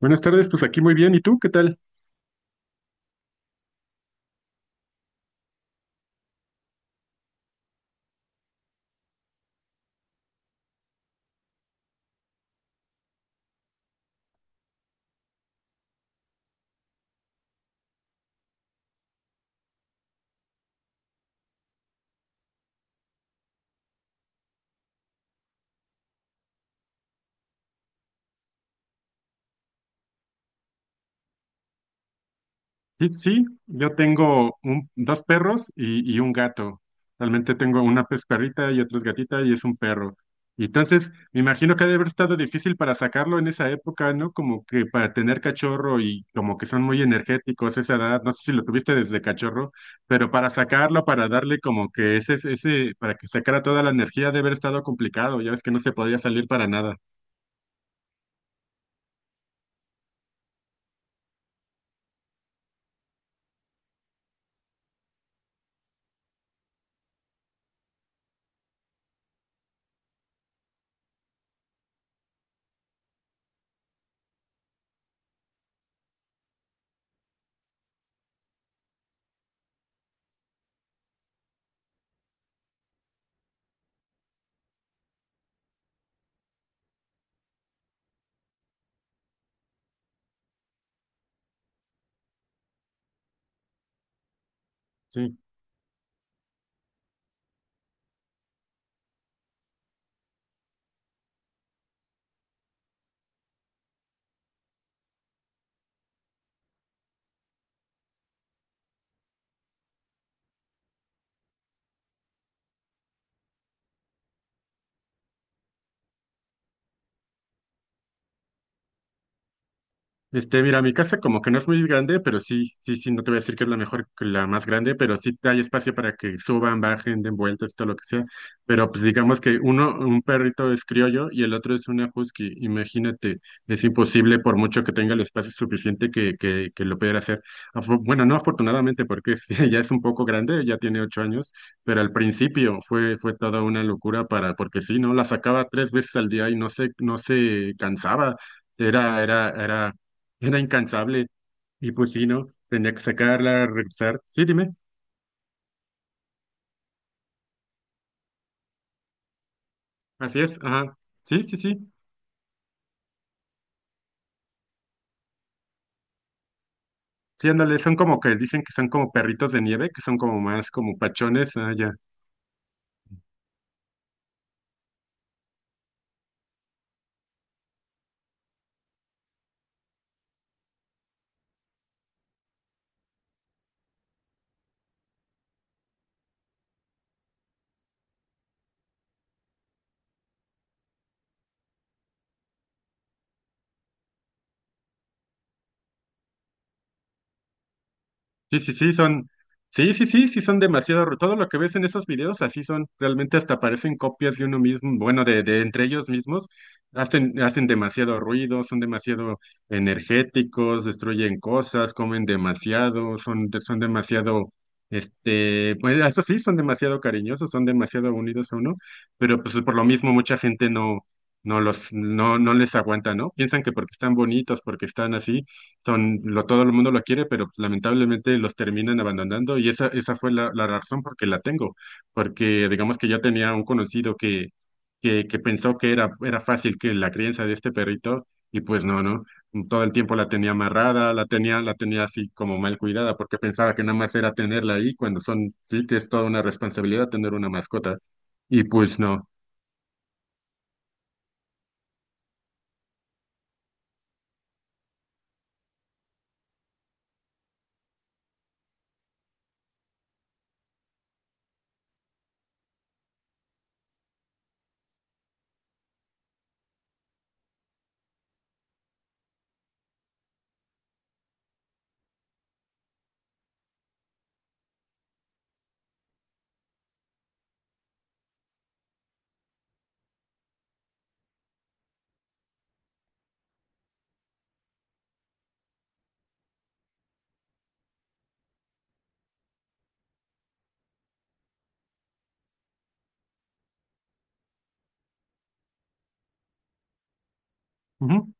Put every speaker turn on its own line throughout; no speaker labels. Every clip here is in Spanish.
Buenas tardes, pues aquí muy bien. ¿Y tú qué tal? Sí, sí, yo tengo dos perros y un gato. Realmente tengo una pues, perrita y otra es gatita y es un perro. Y entonces, me imagino que ha de haber estado difícil para sacarlo en esa época, ¿no? Como que para tener cachorro y como que son muy energéticos a esa edad. No sé si lo tuviste desde cachorro, pero para sacarlo, para darle como que ese, para que sacara toda la energía, debe haber estado complicado. Ya ves que no se podía salir para nada. Sí. Este, mira, mi casa como que no es muy grande, pero sí, sí, sí, no te voy a decir que es la mejor, que la más grande, pero sí hay espacio para que suban, bajen, den vueltas, todo lo que sea. Pero pues digamos que uno, un perrito es criollo y el otro es una husky. Imagínate, es imposible por mucho que tenga el espacio suficiente que lo pudiera hacer. Bueno, no afortunadamente, porque ya es un poco grande, ya tiene 8 años, pero al principio fue toda una locura para, porque sí, ¿no? La sacaba 3 veces al día y no se cansaba. Era, era, era era incansable. Y pues sí, ¿no? Tenía que sacarla, regresar. Sí, dime. Así es, ajá. Sí, sí, sí. Sí, ándale, son como que dicen que son como perritos de nieve, que son como más como pachones. Allá sí, sí, sí, son, sí, sí, sí, sí, son demasiado, todo lo que ves en esos videos así son, realmente hasta parecen copias de uno mismo, bueno, de entre ellos mismos, hacen demasiado ruido, son demasiado energéticos, destruyen cosas, comen demasiado, son demasiado, este, pues eso sí, son demasiado cariñosos, son demasiado unidos a uno, pero pues por lo mismo mucha gente no, no les aguanta, ¿no? Piensan que porque están bonitos, porque están así son, lo, todo el mundo lo quiere, pero pues, lamentablemente los terminan abandonando y esa fue la razón por que la tengo, porque digamos que yo tenía un conocido que pensó que era fácil que la crianza de este perrito y pues no, todo el tiempo la tenía amarrada, la tenía así como mal cuidada, porque pensaba que nada más era tenerla ahí cuando son, sí, que es toda una responsabilidad tener una mascota y pues no. Ujú.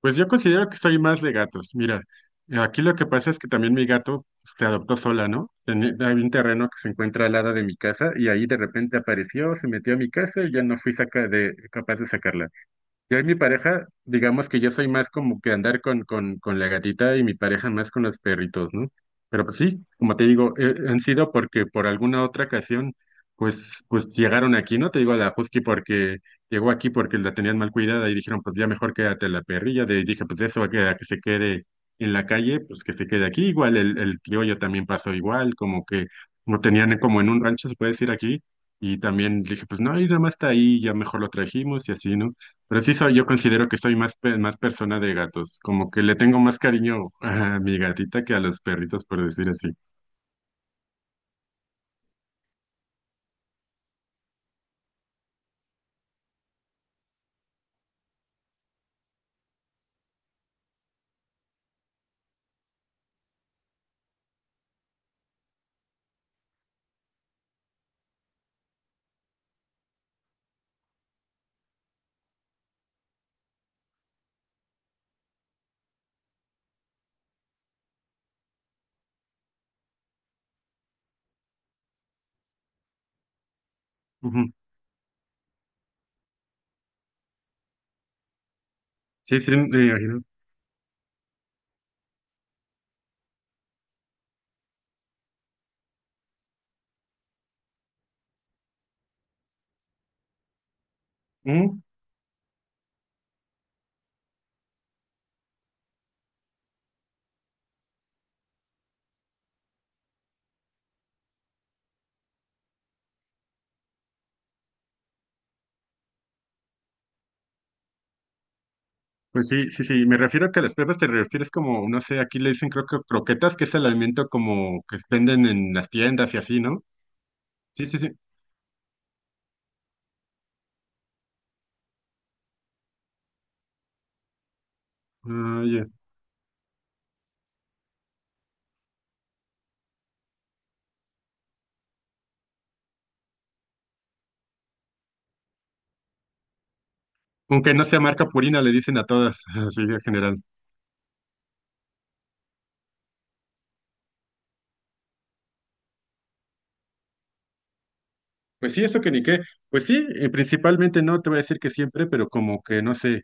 Pues yo considero que soy más de gatos. Mira, aquí lo que pasa es que también mi gato pues, se adoptó sola, ¿no? Hay un terreno que se encuentra al lado de mi casa y ahí de repente apareció, se metió a mi casa y ya no fui saca de, capaz de sacarla. Yo y mi pareja, digamos que yo soy más como que andar con la gatita y mi pareja más con los perritos, ¿no? Pero pues sí, como te digo, han sido porque por alguna otra ocasión, pues llegaron aquí, ¿no? Te digo a la Husky porque llegó aquí porque la tenían mal cuidada y dijeron, pues ya mejor quédate la perrilla. De, y dije, pues eso va a quedar que se quede en la calle, pues que se quede aquí. Igual el criollo también pasó igual, como que lo tenían como en un rancho, se puede decir aquí. Y también dije, pues no, y nada más está ahí, ya mejor lo trajimos y así, ¿no? Pero sí soy, yo considero que soy más, más persona de gatos, como que le tengo más cariño a mi gatita que a los perritos, por decir así. Ujú. Sí, sí, me imagino. Ujú. Pues sí, sí, sí, me refiero a que a las perras te refieres como, no sé, aquí le dicen creo que croquetas, que es el alimento como que venden en las tiendas y así, ¿no? Sí, sí, sí. Ah, ya. Aunque no sea marca Purina, le dicen a todas, así en general. Pues sí, eso que ni qué. Pues sí, principalmente no te voy a decir que siempre, pero como que no sé,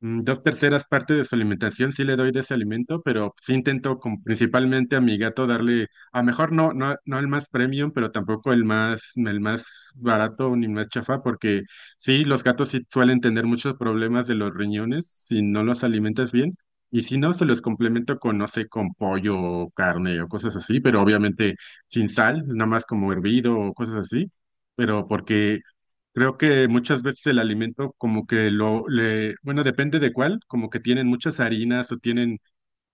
mm, dos terceras partes de su alimentación sí le doy de ese alimento, pero sí intento con, principalmente a mi gato darle, a lo mejor no el más premium, pero tampoco el más, el más barato ni más chafa, porque sí, los gatos sí suelen tener muchos problemas de los riñones si no los alimentas bien. Y si no, se los complemento con, no sé, con pollo o carne o cosas así, pero obviamente sin sal, nada más como hervido o cosas así pero porque creo que muchas veces el alimento como que bueno, depende de cuál, como que tienen muchas harinas o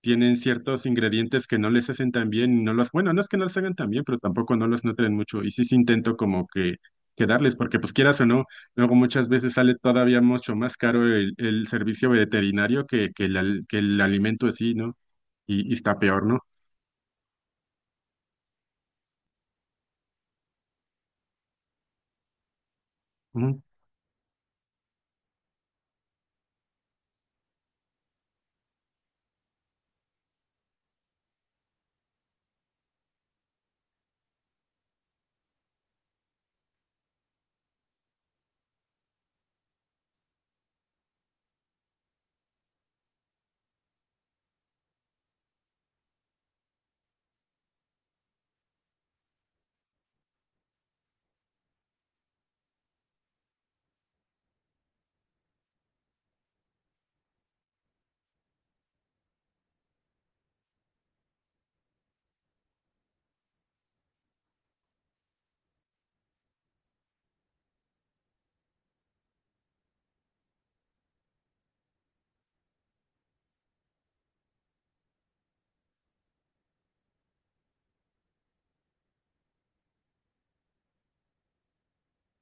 tienen ciertos ingredientes que no les hacen tan bien, y no los, bueno, no es que no los hagan tan bien, pero tampoco no los nutren mucho y sí intento como que darles, porque pues quieras o no, luego muchas veces sale todavía mucho más caro el servicio veterinario que el alimento así, ¿no? Y está peor, ¿no? Ujú.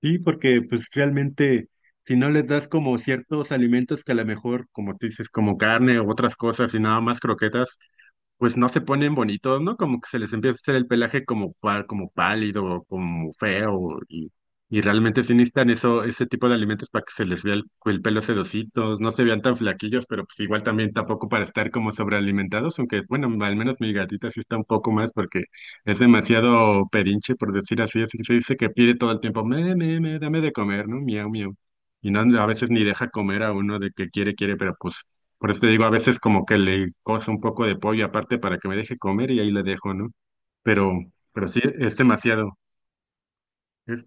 Sí, porque pues realmente si no les das como ciertos alimentos que a lo mejor, como tú dices, como carne o otras cosas y nada más croquetas, pues no se ponen bonitos, ¿no? Como que se les empieza a hacer el pelaje como, como pálido, como feo, y realmente sí necesitan eso, ese tipo de alimentos para que se les vea el pelo sedositos, no se vean tan flaquillos, pero pues igual también tampoco para estar como sobrealimentados, aunque bueno, al menos mi gatita sí está un poco más porque es demasiado pedinche, por decir así, así que se dice que pide todo el tiempo, me, dame de comer, ¿no? Miau, miau. Y no, a veces ni deja comer a uno de que quiere, quiere, pero pues por eso te digo, a veces como que le cozo un poco de pollo aparte para que me deje comer y ahí le dejo, ¿no? Pero, pero sí, es demasiado. Es-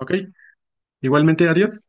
ok, igualmente, adiós.